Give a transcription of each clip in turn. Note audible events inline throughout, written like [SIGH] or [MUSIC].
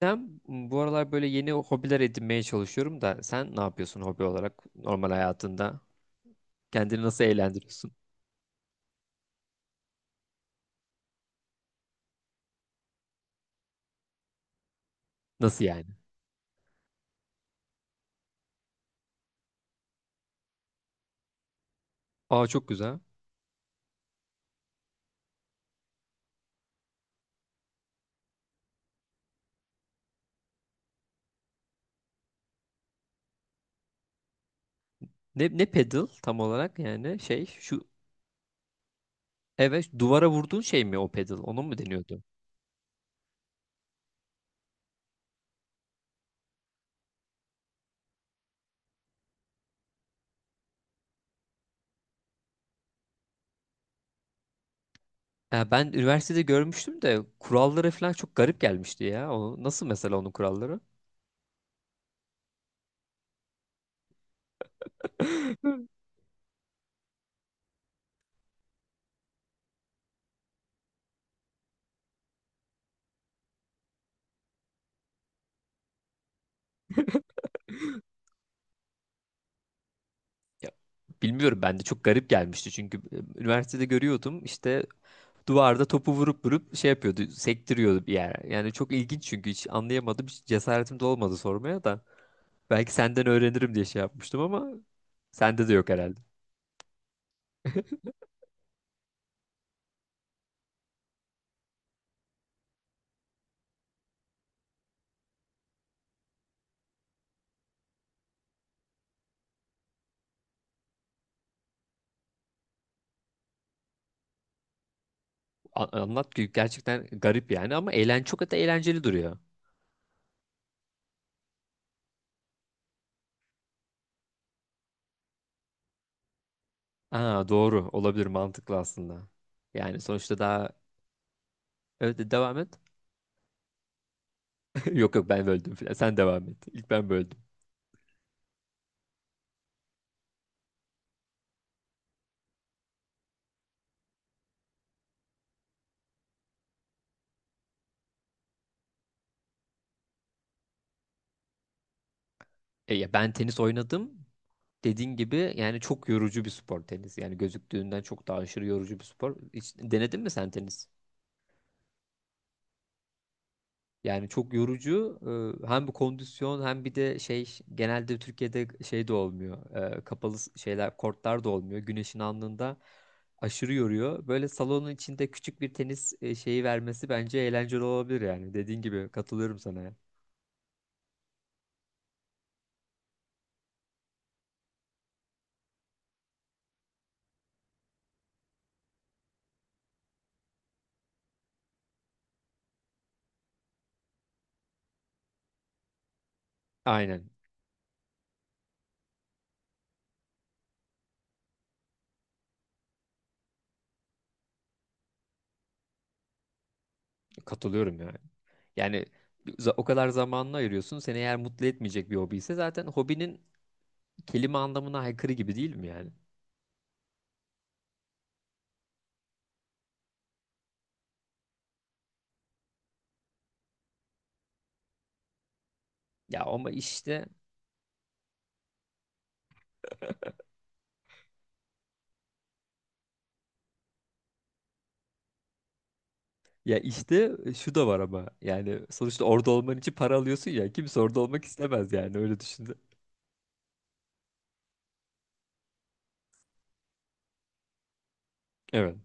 Ben bu aralar böyle yeni hobiler edinmeye çalışıyorum da sen ne yapıyorsun hobi olarak normal hayatında? Kendini nasıl eğlendiriyorsun? Nasıl yani? Aa, çok güzel. Ne pedal tam olarak yani şey şu, evet, duvara vurduğun şey mi o pedal? Onu mu deniyordu? Ya ben üniversitede görmüştüm de kuralları falan çok garip gelmişti ya. O, nasıl mesela onun kuralları? [LAUGHS] Ya, bilmiyorum, ben de çok garip gelmişti çünkü üniversitede görüyordum işte, duvarda topu vurup vurup şey yapıyordu, sektiriyordu bir yer. Yani çok ilginç çünkü hiç anlayamadım. Hiç cesaretim de olmadı sormaya da. Belki senden öğrenirim diye şey yapmıştım ama sende de yok herhalde. [LAUGHS] Anlat ki gerçekten garip yani, ama eğlen çok da eğlenceli duruyor. Aa, doğru olabilir, mantıklı aslında. Yani sonuçta evet, devam et. [LAUGHS] Yok, yok, ben böldüm filan. Sen devam et. İlk ben böldüm. Ya ben tenis oynadım. Dediğin gibi yani çok yorucu bir spor tenis. Yani gözüktüğünden çok daha aşırı yorucu bir spor. Hiç denedin mi sen tenis? Yani çok yorucu. Hem bu kondisyon hem bir de şey, genelde Türkiye'de şey de olmuyor. Kapalı şeyler, kortlar da olmuyor. Güneşin alnında aşırı yoruyor. Böyle salonun içinde küçük bir tenis şeyi vermesi bence eğlenceli olabilir yani. Dediğin gibi, katılıyorum sana, ya. Aynen. Katılıyorum yani. Yani o kadar zamanını ayırıyorsun. Seni eğer mutlu etmeyecek bir hobi ise zaten hobinin kelime anlamına aykırı gibi değil mi yani? Ya ama işte Ya işte, şu da var ama yani sonuçta orada olman için para alıyorsun ya, kimse orada olmak istemez yani, öyle düşündü. Evet.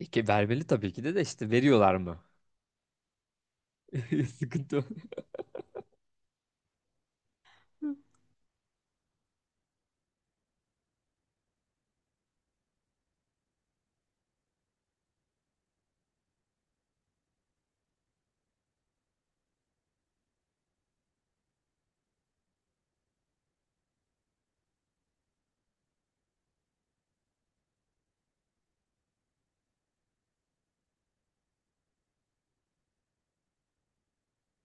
Ki vermeli tabii ki de işte, veriyorlar mı? [LAUGHS] Sıkıntı o.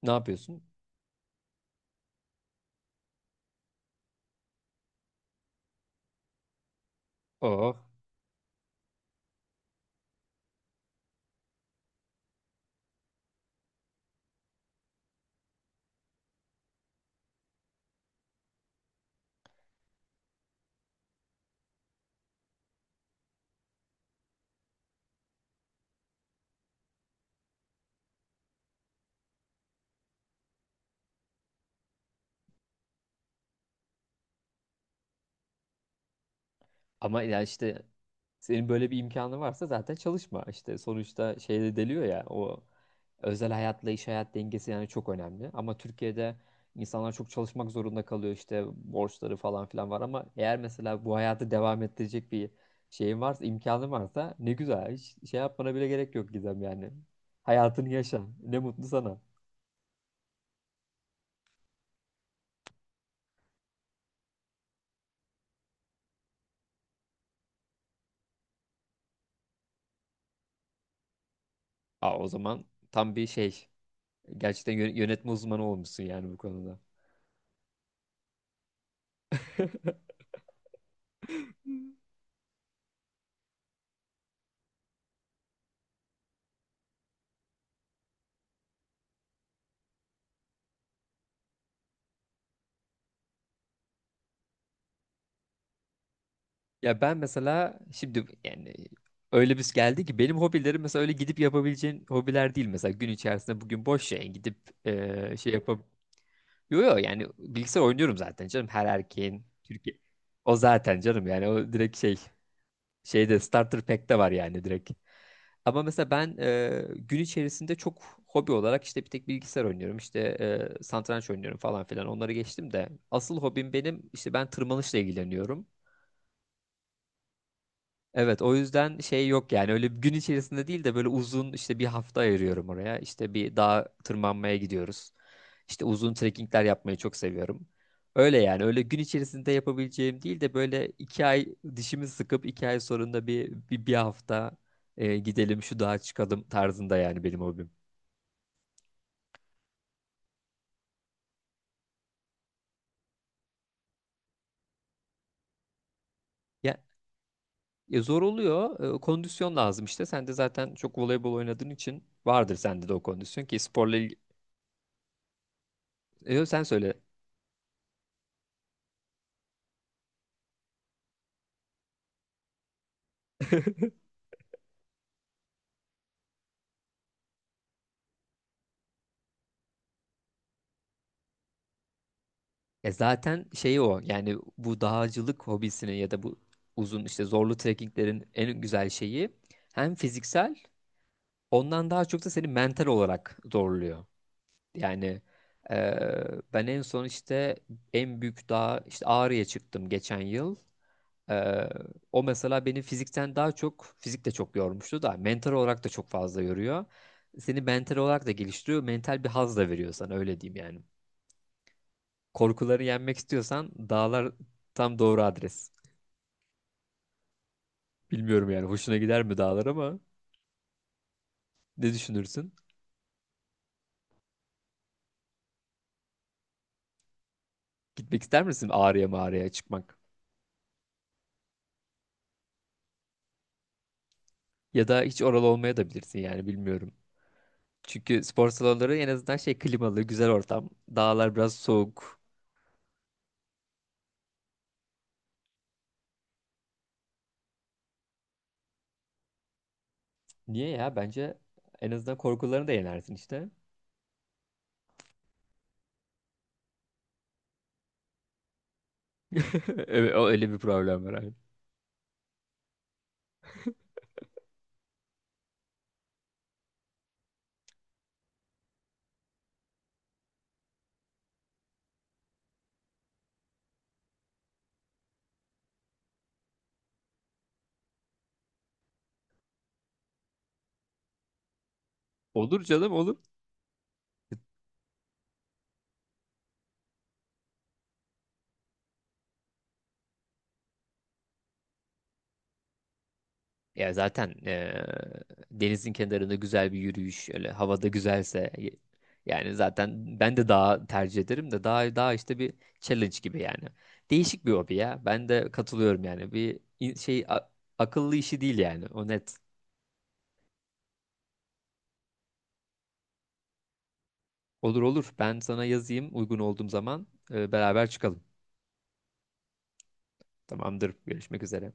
Ne yapıyorsun? Oo. Ama ya işte, senin böyle bir imkanı varsa zaten çalışma. İşte sonuçta şeyde deliyor ya, o özel hayatla iş hayat dengesi yani çok önemli. Ama Türkiye'de insanlar çok çalışmak zorunda kalıyor işte, borçları falan filan var, ama eğer mesela bu hayatı devam ettirecek bir şeyin varsa, imkanın varsa, ne güzel, hiç şey yapmana bile gerek yok Gizem yani. Hayatını yaşa, ne mutlu sana. Aa, o zaman tam bir şey, gerçekten yönetme uzmanı olmuşsun yani bu konuda. Ya ben mesela şimdi yani, öyle bir geldi ki benim hobilerim mesela öyle gidip yapabileceğin hobiler değil. Mesela gün içerisinde bugün boş, şey gidip şey yapıp, yo, yo, yani bilgisayar oynuyorum zaten canım, her erkeğin Türkiye, o zaten canım yani, o direkt şeyde starter pack'te var yani, direkt. Ama mesela ben gün içerisinde çok, hobi olarak işte bir tek bilgisayar oynuyorum işte, satranç oynuyorum falan filan, onları geçtim de asıl hobim benim işte, ben tırmanışla ilgileniyorum. Evet, o yüzden şey yok yani, öyle bir gün içerisinde değil de böyle uzun, işte bir hafta ayırıyorum oraya. İşte bir dağa tırmanmaya gidiyoruz. İşte uzun trekkingler yapmayı çok seviyorum. Öyle yani, öyle gün içerisinde yapabileceğim değil de böyle iki ay dişimi sıkıp iki ay sonunda bir hafta gidelim şu dağa çıkalım tarzında yani benim hobim. Ya, ya zor oluyor, kondisyon lazım, işte sen de zaten çok voleybol oynadığın için vardır sende de o kondisyon ki, sporla ilgili. Sen söyle. [LAUGHS] Ya zaten şeyi o yani, bu dağcılık hobisinin ya da bu uzun, işte zorlu trekkinglerin en güzel şeyi, hem fiziksel, ondan daha çok da seni mental olarak zorluyor. Yani ben en son işte en büyük dağ, işte Ağrı'ya çıktım geçen yıl. Eee, O mesela beni fizikten daha çok, fizik de çok yormuştu da, mental olarak da çok fazla yoruyor. Seni mental olarak da geliştiriyor, mental bir haz da veriyor sana, öyle diyeyim yani. Korkuları yenmek istiyorsan dağlar tam doğru adres. Bilmiyorum yani hoşuna gider mi dağlar, ama ne düşünürsün? Gitmek ister misin Ağrı'ya, mağaraya çıkmak? Ya da hiç oralı olmaya da bilirsin yani, bilmiyorum. Çünkü spor salonları en azından şey, klimalı, güzel ortam. Dağlar biraz soğuk. Niye ya? Bence en azından korkularını da yenersin işte. [LAUGHS] Evet, öyle bir problem var, abi. Olur canım, olur. Ya zaten denizin kenarında güzel bir yürüyüş, öyle havada güzelse, yani zaten ben de daha tercih ederim de, daha işte bir challenge gibi yani. Değişik bir hobi ya. Ben de katılıyorum yani. Bir şey, akıllı işi değil yani. O net. Olur, olur. Ben sana yazayım, uygun olduğum zaman beraber çıkalım. Tamamdır. Görüşmek üzere.